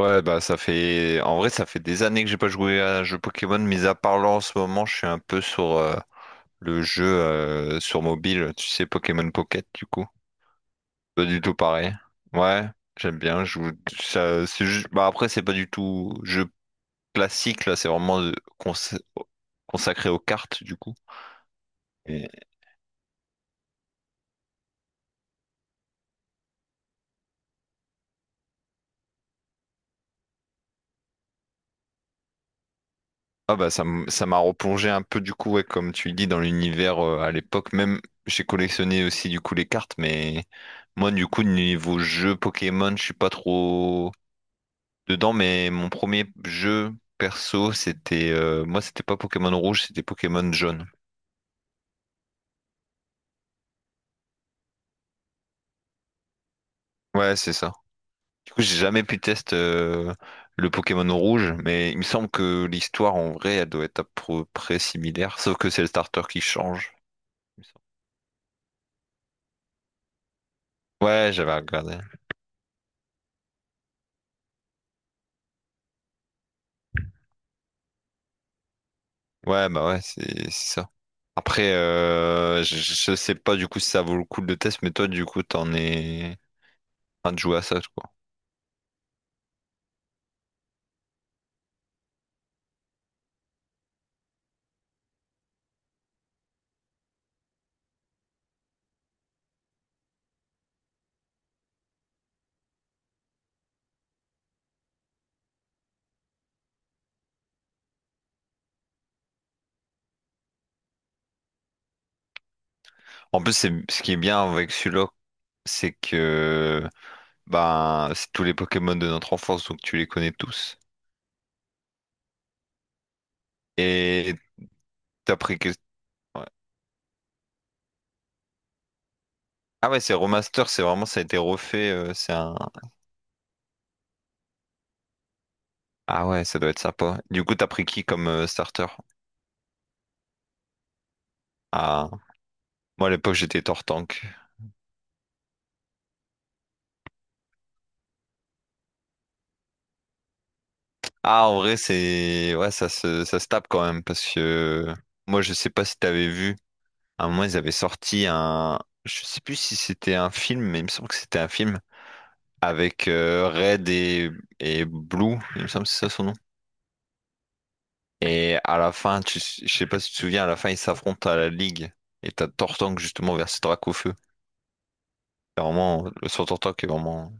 Ouais, bah ça fait... En vrai, ça fait des années que j'ai pas joué à un jeu Pokémon, mis à part là en ce moment, je suis un peu sur le jeu sur mobile, tu sais, Pokémon Pocket, du coup. Pas du tout pareil. Ouais, j'aime bien. Ça, c'est juste... Bah, après, c'est pas du tout jeu classique, là, c'est vraiment cons- consacré aux cartes, du coup. Ah bah ça m'a replongé un peu du coup, ouais, comme tu le dis, dans l'univers, à l'époque même j'ai collectionné aussi du coup les cartes, mais moi, du coup, niveau jeu Pokémon, je suis pas trop dedans, mais mon premier jeu perso c'était, moi c'était pas Pokémon rouge, c'était Pokémon jaune. Ouais, c'est ça. Du coup j'ai jamais pu tester le Pokémon rouge, mais il me semble que l'histoire en vrai elle doit être à peu près similaire, sauf que c'est le starter qui change, il me semble. Ouais, j'avais regardé. Ouais, bah ouais, c'est ça. Après, je sais pas du coup si ça vaut le coup de le test, mais toi, du coup, t'en es en train de jouer à ça, quoi. En plus, c'est ce qui est bien avec celui-là, c'est que ben c'est tous les Pokémon de notre enfance, donc tu les connais tous. Et t'as pris que... ouais. Ah ouais, c'est remaster, c'est vraiment, ça a été refait, c'est un... Ah ouais, ça doit être sympa. Du coup, t'as pris qui comme starter? Ah, moi, à l'époque, j'étais Tortank. Ah, en vrai, c'est. Ouais, ça se tape quand même parce que moi, je sais pas si t'avais vu. À un moment, ils avaient sorti un. Je sais plus si c'était un film, mais il me semble que c'était un film avec Red et Blue. Il me semble que c'est ça son nom. Et à la fin, tu... je sais pas si tu te souviens, à la fin, ils s'affrontent à la Ligue. Et t'as Tortank justement versus Dracaufeu. C'est vraiment. Le son Tortank est vraiment.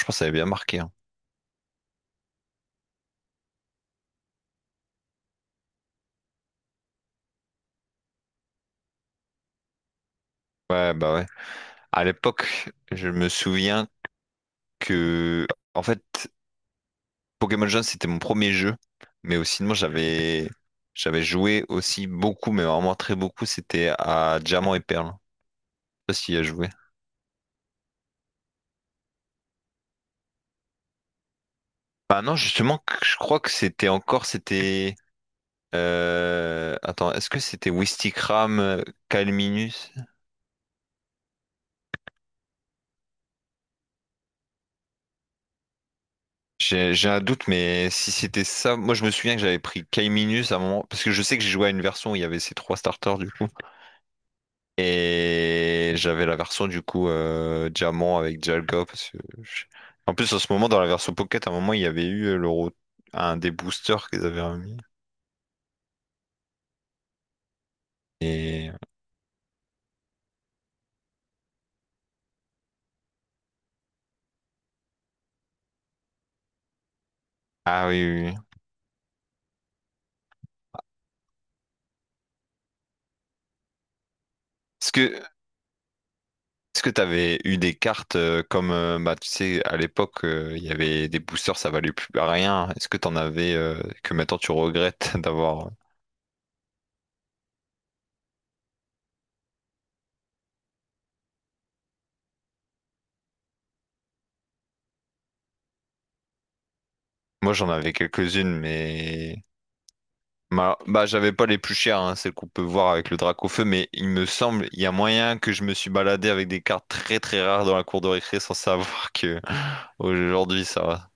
Je pense que ça avait bien marqué, hein. Ouais, bah ouais. À l'époque, je me souviens que. En fait. Pokémon Jaune, c'était mon premier jeu, mais aussi, sinon, j'avais joué aussi beaucoup, mais vraiment très beaucoup, c'était à Diamant et Perle. Je sais pas s'il y a joué. Bah non, justement, je crois que c'était encore, c'était... Attends, est-ce que c'était Wistikram, Calminus? J'ai un doute, mais si c'était ça, moi je me souviens que j'avais pris Calminus à un moment, parce que je sais que j'ai joué à une version où il y avait ces trois starters, du coup. Et j'avais la version, du coup, diamant avec Dialga parce que en plus en ce moment dans la version Pocket à un moment il y avait eu, un des boosters qu'ils avaient remis. Et ah oui oui. Oui. Est-ce que est-ce que t'avais eu des cartes comme bah tu sais à l'époque il y avait des boosters ça valait plus rien. Est-ce que t'en avais que maintenant tu regrettes d'avoir? Moi j'en avais quelques-unes, mais Bah, j'avais pas les plus chères, hein, celles qu'on peut voir avec le drac au feu, mais il me semble, il y a moyen que je me suis baladé avec des cartes très très rares dans la cour de récré sans savoir que aujourd'hui ça va.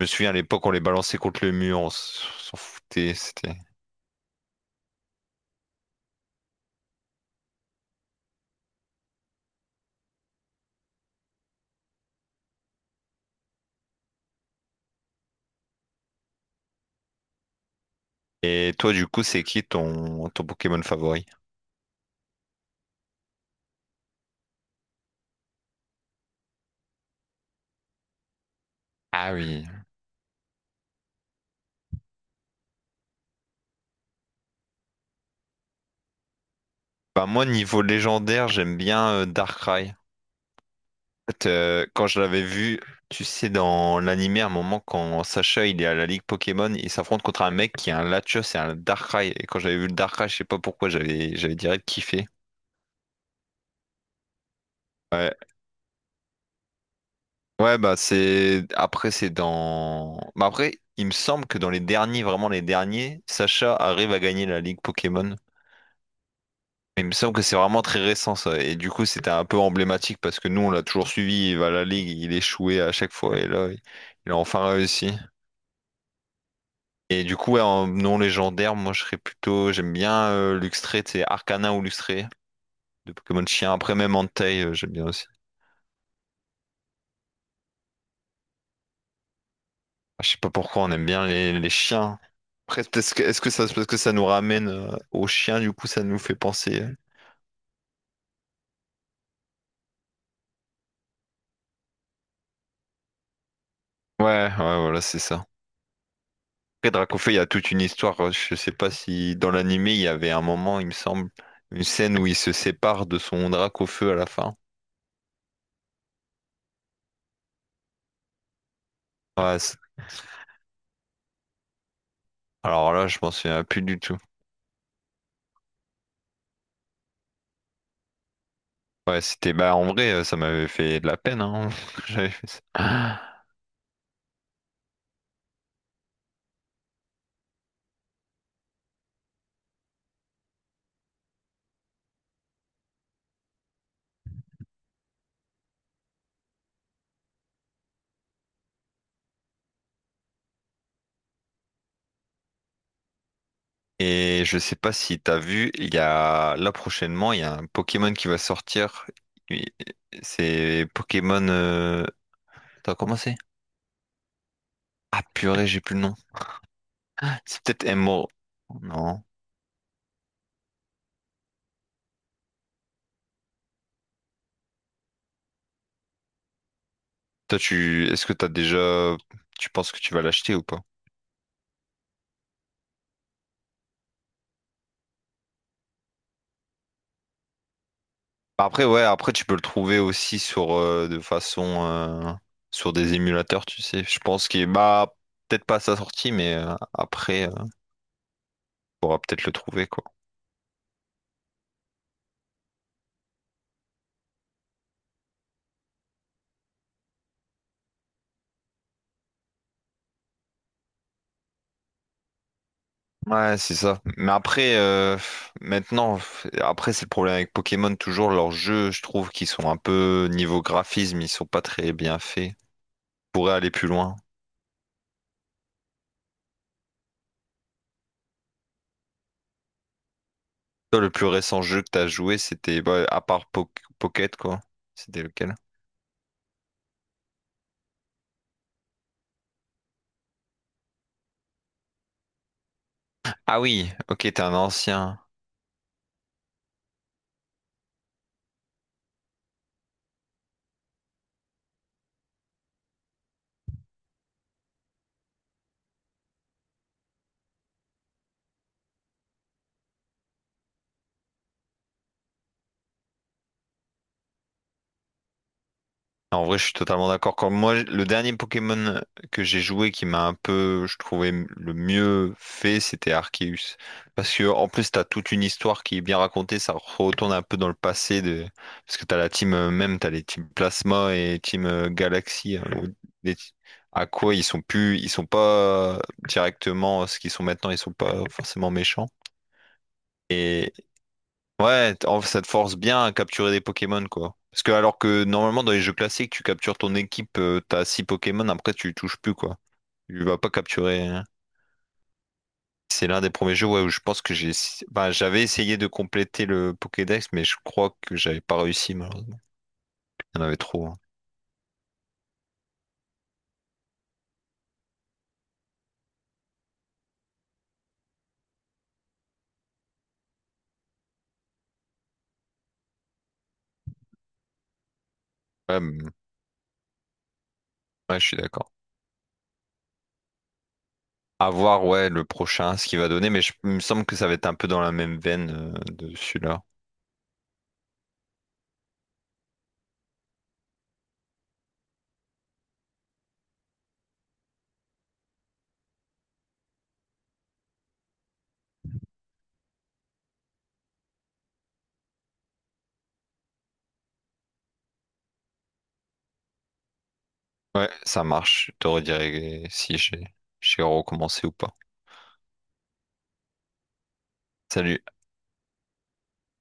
Je me souviens à l'époque on les balançait contre le mur, on s'en foutait, c'était. Et toi du coup c'est qui ton, ton Pokémon favori? Ah oui. Bah moi niveau légendaire j'aime bien Darkrai. Fait, quand je l'avais vu, tu sais, dans l'animé, à un moment, quand Sacha il est à la Ligue Pokémon, il s'affronte contre un mec qui a un Latios et un Darkrai. Et quand j'avais vu le Darkrai, je sais pas pourquoi, j'avais direct kiffé. Ouais, ouais, bah c'est. Après, c'est dans. Bah après, il me semble que dans les derniers, vraiment les derniers, Sacha arrive à gagner la Ligue Pokémon. Il me semble que c'est vraiment très récent ça. Et du coup, c'était un peu emblématique parce que nous, on l'a toujours suivi. Il va à la Ligue, il échouait à chaque fois. Et là, il a enfin réussi. Et du coup, ouais, en non légendaire, moi je serais plutôt. J'aime bien Luxray, tu sais, Arcanin ou Luxray, de Pokémon de chien. Après, même Entei, j'aime bien aussi. Ah, je sais pas pourquoi on aime bien les chiens. Après, est-ce que ça, parce que ça nous ramène aux chiens, du coup, ça nous fait penser. Euh. Ouais, ouais, voilà, c'est ça. Après, Dracofeu, il y a toute une histoire. Je sais pas si dans l'animé, il y avait un moment, il me semble, une scène où il se sépare de son Dracofeu à la fin. Ouais, c'est- alors là, je m'en souviens plus du tout. Ouais, c'était bah en vrai, ça m'avait fait de la peine, hein, quand j'avais fait ça. Et je sais pas si t'as vu, il y a là prochainement, il y a un Pokémon qui va sortir. Et- C'est Pokémon. T'as commencé? Ah purée, j'ai plus le nom. C'est peut-être Emerald. Non. Toi, tu, est-ce que t'as déjà, tu penses que tu vas l'acheter ou pas? Après, ouais, après tu peux le trouver aussi sur de façon sur des émulateurs, tu sais. Je pense qu'il bah peut-être pas à sa sortie, mais après. Pourra peut-être le trouver, quoi. Ouais, c'est ça. Mais après, maintenant, après, c'est le problème avec Pokémon, toujours leurs jeux, je trouve qu'ils sont un peu, niveau graphisme, ils sont pas très bien faits. Ils pourraient aller plus loin. Toi, le plus récent jeu que t'as joué, c'était, bah, à part Pocket, quoi. C'était lequel? Ah oui, ok, t'es un ancien. En vrai, je suis totalement d'accord. Comme moi, le dernier Pokémon que j'ai joué qui m'a un peu, je trouvais, le mieux fait, c'était Arceus. Parce que, en plus, t'as toute une histoire qui est bien racontée, ça retourne un peu dans le passé de, parce que t'as la team, même, t'as les teams Plasma et team Galaxy, hein, ou des- À quoi ils sont plus, ils sont pas directement ce qu'ils sont maintenant, ils sont pas forcément méchants. Ouais, ça te force bien à capturer des Pokémon, quoi. Parce que alors que normalement dans les jeux classiques, tu captures ton équipe, t'as 6 Pokémon, après tu les touches plus, quoi. Tu vas pas capturer, hein. C'est l'un des premiers jeux, ouais, où je pense que bah, j'avais essayé de compléter le Pokédex, mais je crois que j'avais pas réussi malheureusement. Il y en avait trop, hein. Ouais, mais- ouais, je suis d'accord. À voir, ouais, le prochain, ce qu'il va donner, mais je- il me semble que ça va être un peu dans la même veine de celui-là. Ouais, ça marche. Je te redirai si j'ai recommencé ou pas. Salut.